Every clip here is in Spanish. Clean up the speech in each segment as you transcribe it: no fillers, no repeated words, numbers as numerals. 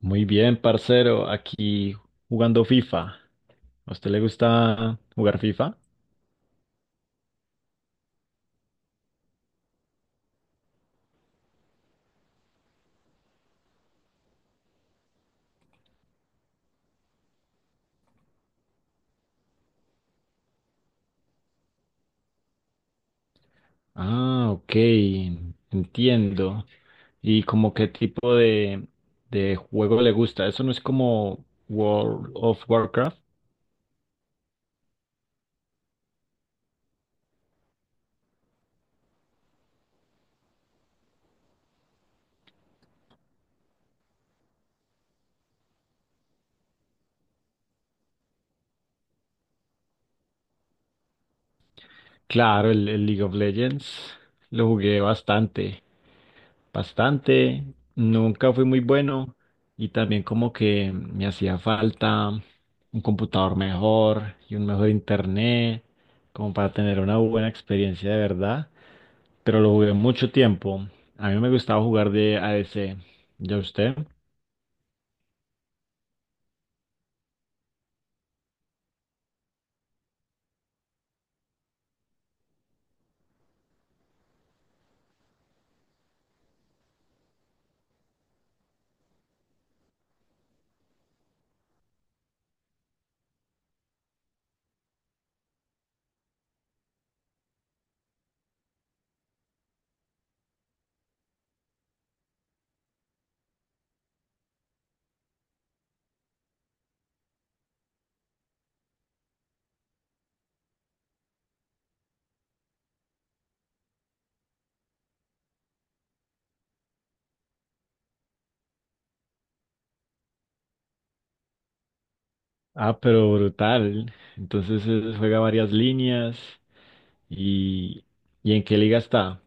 Muy bien, parcero, aquí jugando FIFA. ¿A usted le gusta jugar FIFA? Ah, ok, entiendo. ¿Y como qué tipo de juego le gusta? ¿Eso no es como World of Warcraft? Claro, el League of Legends lo jugué bastante. Nunca fui muy bueno y también como que me hacía falta un computador mejor y un mejor internet, como para tener una buena experiencia de verdad. Pero lo jugué mucho tiempo. A mí me gustaba jugar de ADC. ¿Ya usted? Ah, pero brutal. Entonces juega varias líneas y, ¿y en qué liga está?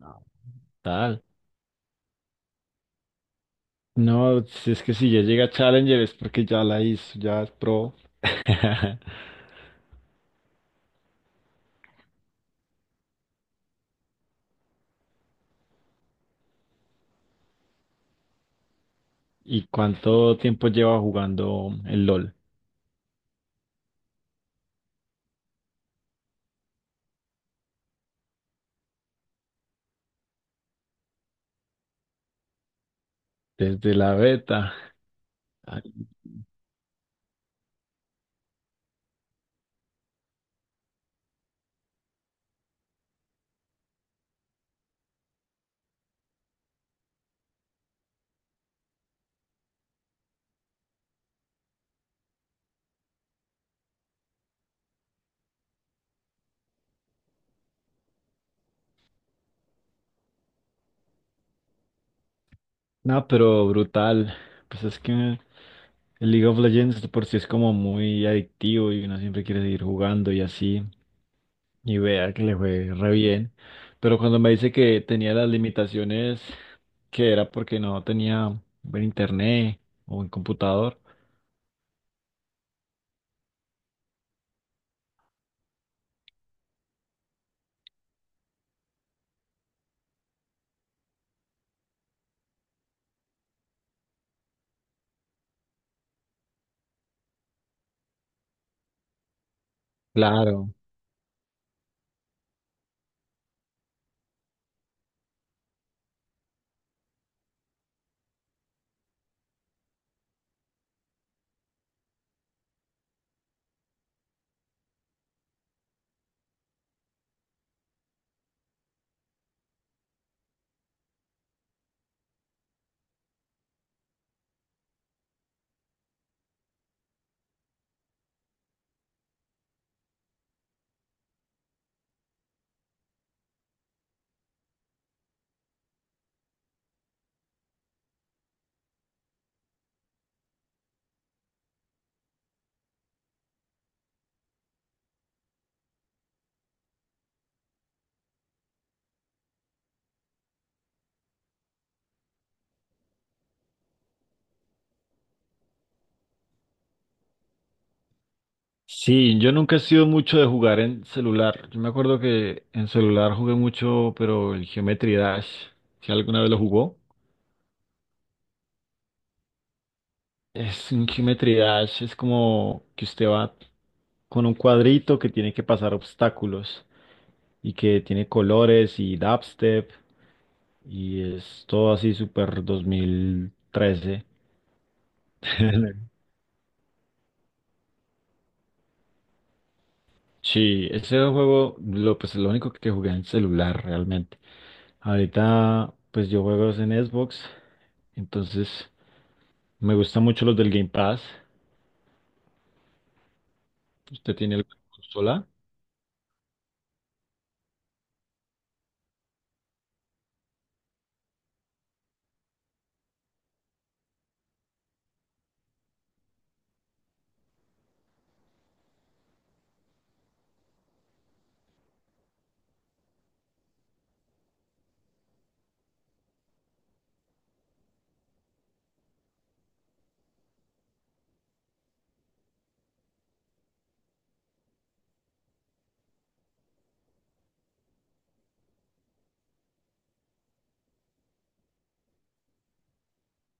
Ah, tal. No, si es que si ya llega Challenger es porque ya la hizo, ya es pro. ¿Y cuánto tiempo lleva jugando el LOL? Desde la beta. Ay, no, pero brutal. Pues es que el League of Legends de por sí es como muy adictivo y uno siempre quiere seguir jugando y así. Y vea que le fue re bien. Pero cuando me dice que tenía las limitaciones, que era porque no tenía buen internet o buen computador. Claro. Sí, yo nunca he sido mucho de jugar en celular. Yo me acuerdo que en celular jugué mucho, pero el Geometry Dash, si alguna vez lo jugó, es un Geometry Dash, es como que usted va con un cuadrito que tiene que pasar obstáculos y que tiene colores y dubstep y es todo así súper 2013. Sí, ese juego, pues lo único que jugué en celular realmente. Ahorita, pues yo juego es en Xbox, entonces. Me gustan mucho los del Game Pass. ¿Usted tiene alguna consola?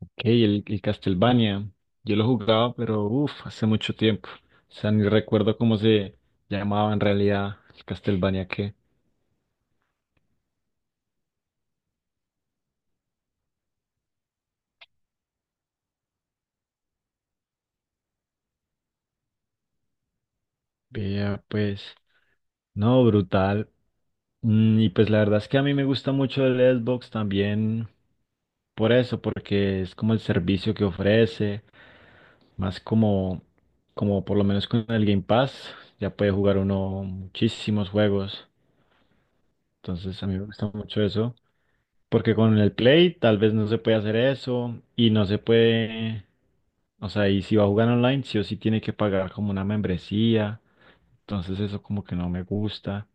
Ok, el Castlevania. Yo lo jugaba, pero uff, hace mucho tiempo. O sea, ni recuerdo cómo se llamaba en realidad el Castlevania que veía, pues. No, brutal. Y pues la verdad es que a mí me gusta mucho el Xbox también por eso, porque es como el servicio que ofrece, más como, como por lo menos con el Game Pass, ya puede jugar uno muchísimos juegos. Entonces a mí me gusta mucho eso. Porque con el Play tal vez no se puede hacer eso y no se puede, o sea, y si va a jugar online, sí o sí tiene que pagar como una membresía. Entonces eso como que no me gusta.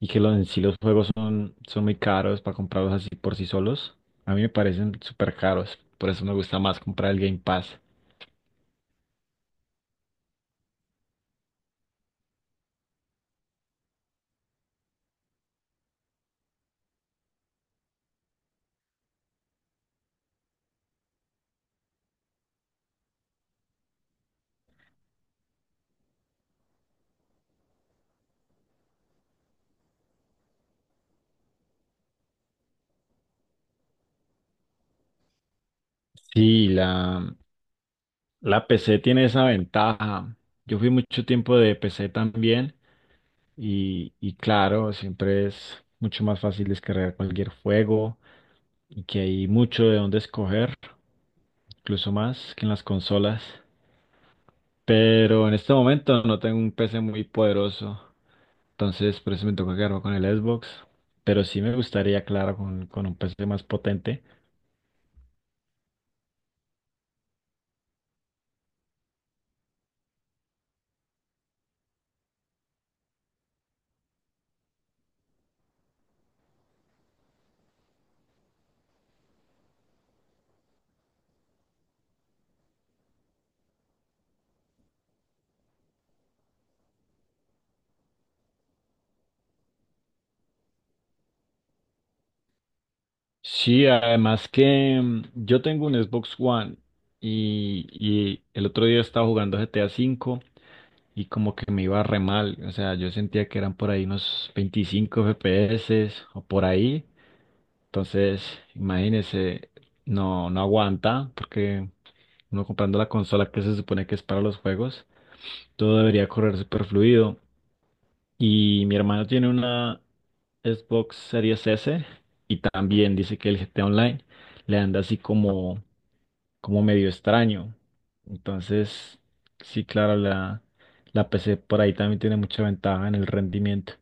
Y que lo- en sí los juegos son, son muy caros para comprarlos así por sí solos. A mí me parecen súper caros. Por eso me gusta más comprar el Game Pass. Sí, la PC tiene esa ventaja. Yo fui mucho tiempo de PC también y claro, siempre es mucho más fácil descargar cualquier juego, y que hay mucho de dónde escoger, incluso más que en las consolas. Pero en este momento no tengo un PC muy poderoso, entonces por eso me toca quedarme con el Xbox. Pero sí me gustaría, claro, con un PC más potente. Sí, además que yo tengo un Xbox One y el otro día estaba jugando GTA V y como que me iba re mal. O sea, yo sentía que eran por ahí unos 25 FPS o por ahí. Entonces, imagínese, no aguanta, porque uno comprando la consola que se supone que es para los juegos, todo debería correr super fluido. Y mi hermano tiene una Xbox Series S y también dice que el GTA Online le anda así como, como medio extraño. Entonces, sí, claro, la PC por ahí también tiene mucha ventaja en el rendimiento.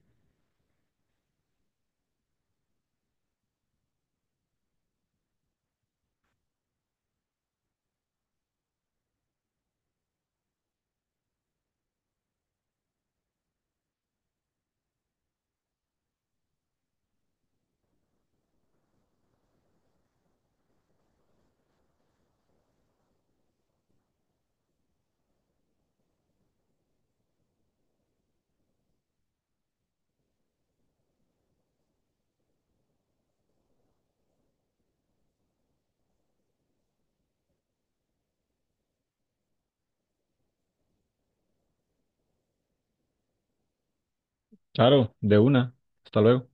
Claro, de una. Hasta luego.